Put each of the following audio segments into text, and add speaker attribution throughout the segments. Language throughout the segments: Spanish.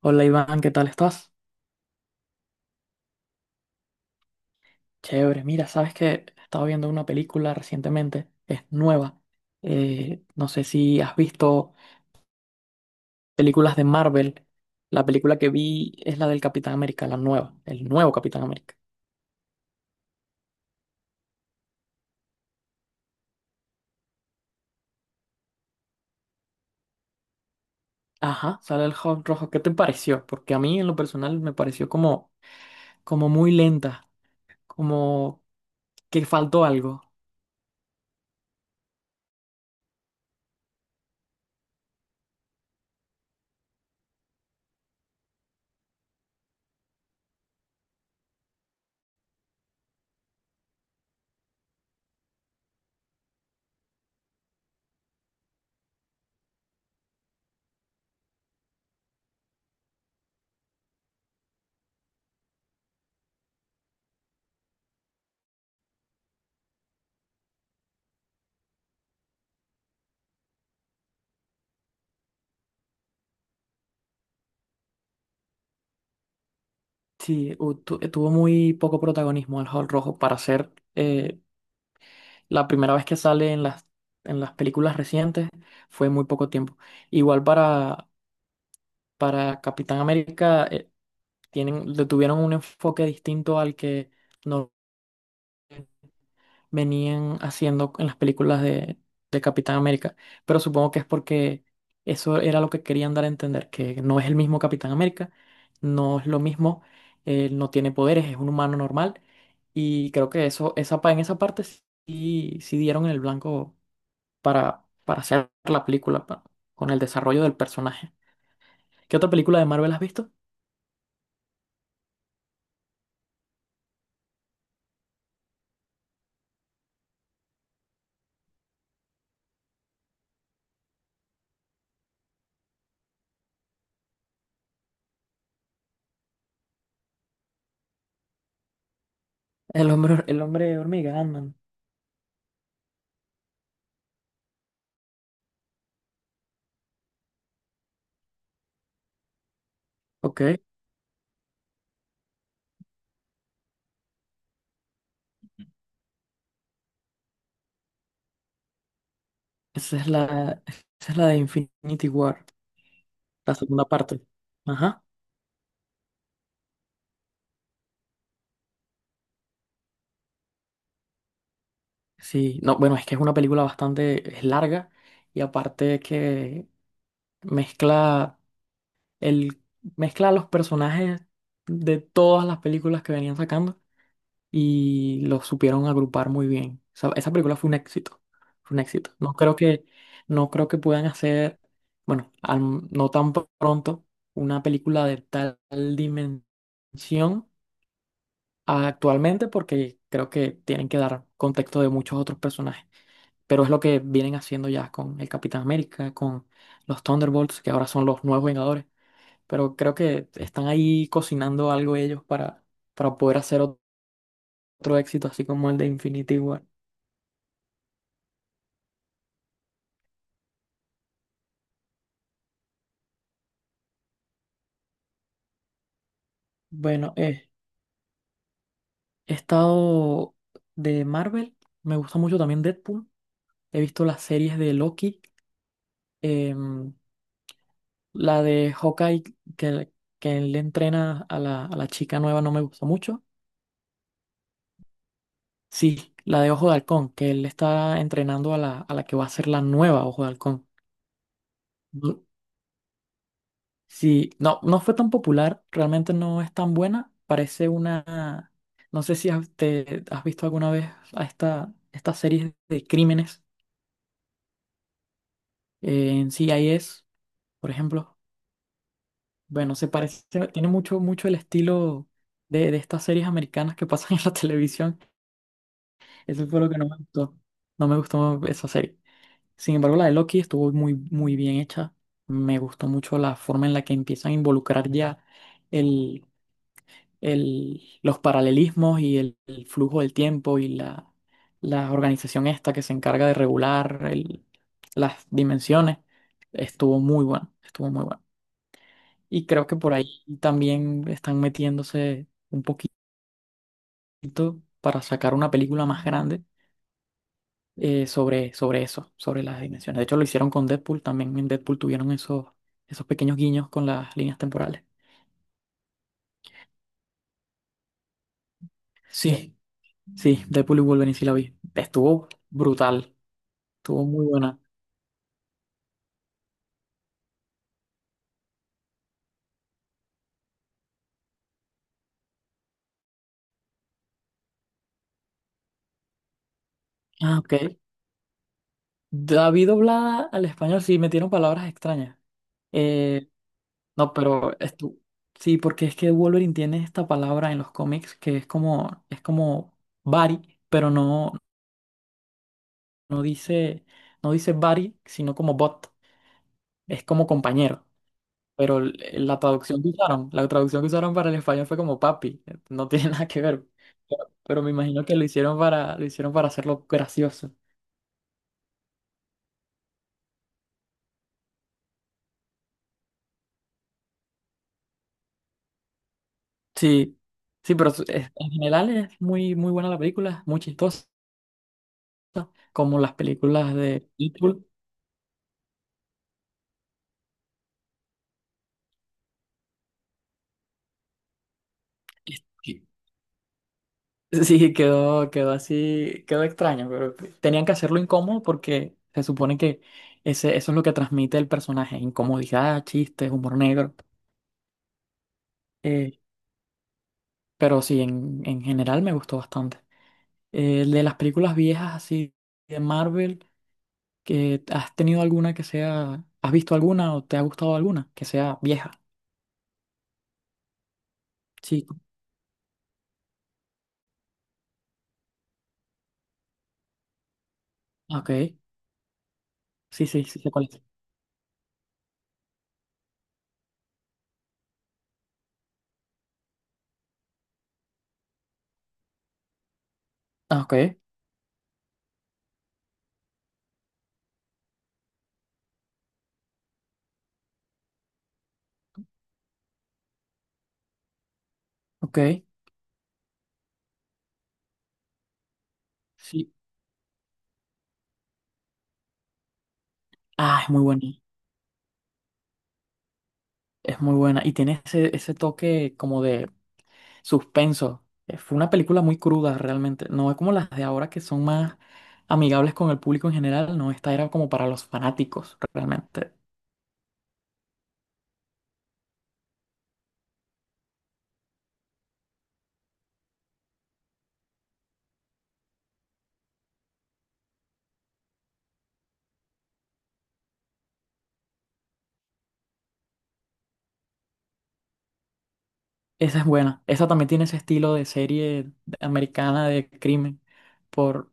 Speaker 1: Hola Iván, ¿qué tal estás? Chévere, mira, sabes que estaba viendo una película recientemente, es nueva. No sé si has visto películas de Marvel. La película que vi es la del Capitán América, la nueva, el nuevo Capitán América. Ajá, sale el Hulk rojo. ¿Qué te pareció? Porque a mí en lo personal me pareció como, como muy lenta, como que faltó algo. Sí, tuvo muy poco protagonismo el Hulk rojo para ser la primera vez que sale en las películas recientes fue muy poco tiempo. Igual para Capitán América, tienen, le tuvieron un enfoque distinto al que no venían haciendo en las películas de Capitán América. Pero supongo que es porque eso era lo que querían dar a entender, que no es el mismo Capitán América, no es lo mismo, él no tiene poderes, es un humano normal. Y creo que en esa parte sí, sí dieron en el blanco para hacer la película, con el desarrollo del personaje. ¿Qué otra película de Marvel has visto? El hombre hormiga, Ant-Man. Ok, esa es la, esa es la de Infinity War, la segunda parte. Ajá. Sí, no, bueno, es que es una película bastante, es larga y aparte que mezcla el, mezcla los personajes de todas las películas que venían sacando y lo supieron agrupar muy bien. O sea, esa película fue un éxito, fue un éxito. No creo que puedan hacer, bueno, no tan pronto una película de tal dimensión actualmente porque creo que tienen que dar contexto de muchos otros personajes. Pero es lo que vienen haciendo ya con el Capitán América, con los Thunderbolts, que ahora son los nuevos Vengadores. Pero creo que están ahí cocinando algo ellos para poder hacer otro éxito así como el de Infinity War. Bueno, he estado de Marvel, me gusta mucho también Deadpool, he visto las series de Loki, em, la de Hawkeye que, que él le entrena a a la chica nueva no me gustó mucho. Sí, la de Ojo de Halcón, que él está entrenando a a la que va a ser la nueva Ojo de Halcón. No- Sí, no, no fue tan popular, realmente no es tan buena, parece una... No sé si has visto alguna vez a estas series de crímenes, en CIS. Por ejemplo, bueno, se parece, tiene mucho el estilo de estas series americanas que pasan en la televisión. Eso fue lo que no me gustó. No me gustó esa serie. Sin embargo, la de Loki estuvo muy bien hecha. Me gustó mucho la forma en la que empiezan a involucrar ya el, los paralelismos y el flujo del tiempo y la organización esta que se encarga de regular las dimensiones. Estuvo muy bueno, estuvo muy bueno. Y creo que por ahí también están metiéndose un poquito para sacar una película más grande, sobre, sobre eso, sobre las dimensiones. De hecho, lo hicieron con Deadpool, también en Deadpool tuvieron esos pequeños guiños con las líneas temporales. Sí, sí, Deadpool y Wolverine sí la vi. Estuvo brutal, estuvo muy buena. Ah, ok. David doblada al español, sí, metieron palabras extrañas. Eh, No, pero esto, sí, porque es que Wolverine tiene esta palabra en los cómics que es como buddy, pero no, no dice, no dice buddy, sino como bot, es como compañero. Pero la traducción que usaron para el español fue como papi, no tiene nada que ver. Pero me imagino que lo hicieron lo hicieron para hacerlo gracioso. Sí, sí, pero en general es muy buena la película, muy chistosa, como las películas de Deadpool. Sí, quedó extraño, pero tenían que hacerlo incómodo porque se supone que eso es lo que transmite el personaje, incomodidad, chistes, humor negro. Eh, pero sí, en general me gustó bastante. De las películas viejas así de Marvel, ¿que has tenido alguna que sea, has visto alguna o te ha gustado alguna que sea vieja? Sí, ah, ok, sí, sí, sí, sé cuál es. Ah, ok, ok, sí. Ah, es muy buena, es muy buena. Y tiene ese toque como de suspenso. Fue una película muy cruda realmente. No es como las de ahora que son más amigables con el público en general. No, esta era como para los fanáticos realmente. Esa es buena. Esa también tiene ese estilo de serie americana de crimen. Por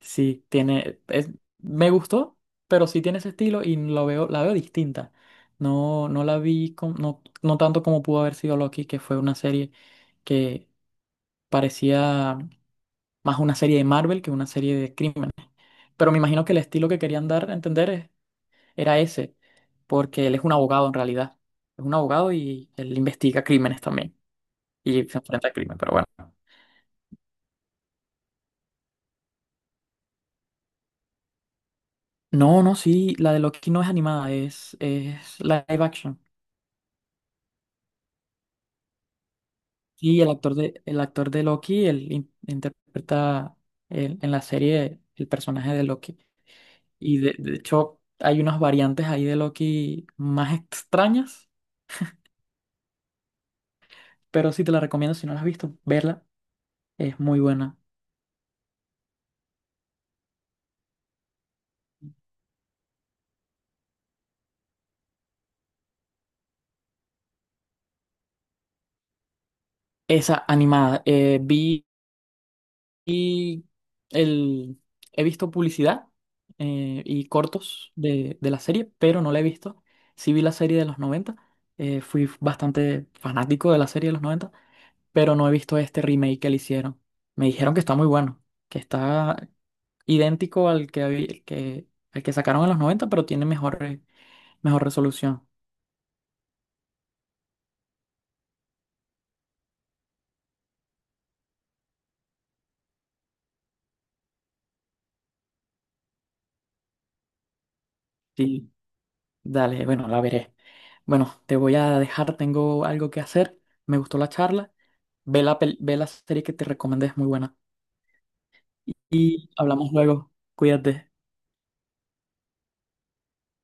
Speaker 1: sí, tiene. Me gustó, pero sí tiene ese estilo y la veo distinta. No, no la vi no, no tanto como pudo haber sido Loki, que fue una serie que parecía más una serie de Marvel que una serie de crimen. Pero me imagino que el estilo que querían dar a entender era ese, porque él es un abogado en realidad. Es un abogado y él investiga crímenes también. Y se enfrenta al crimen, pero bueno. No, no, sí, la de Loki no es animada, es live action. Y el actor el actor de Loki, él interpreta en la serie el personaje de Loki. Y de hecho hay unas variantes ahí de Loki más extrañas, pero sí te la recomiendo si no la has visto, verla, es muy buena. Esa animada. Vi el, he visto publicidad, y cortos de la serie, pero no la he visto. Sí vi la serie de los noventa, fui bastante fanático de la serie de los 90 pero no he visto este remake que le hicieron. Me dijeron que está muy bueno, que está idéntico al que, habí- el que, al que sacaron en los 90 pero tiene mejor resolución. Sí, dale, bueno, la veré. Bueno, te voy a dejar, tengo algo que hacer. Me gustó la charla. Ve ve la serie que te recomendé, es muy buena. Y hablamos luego. Cuídate.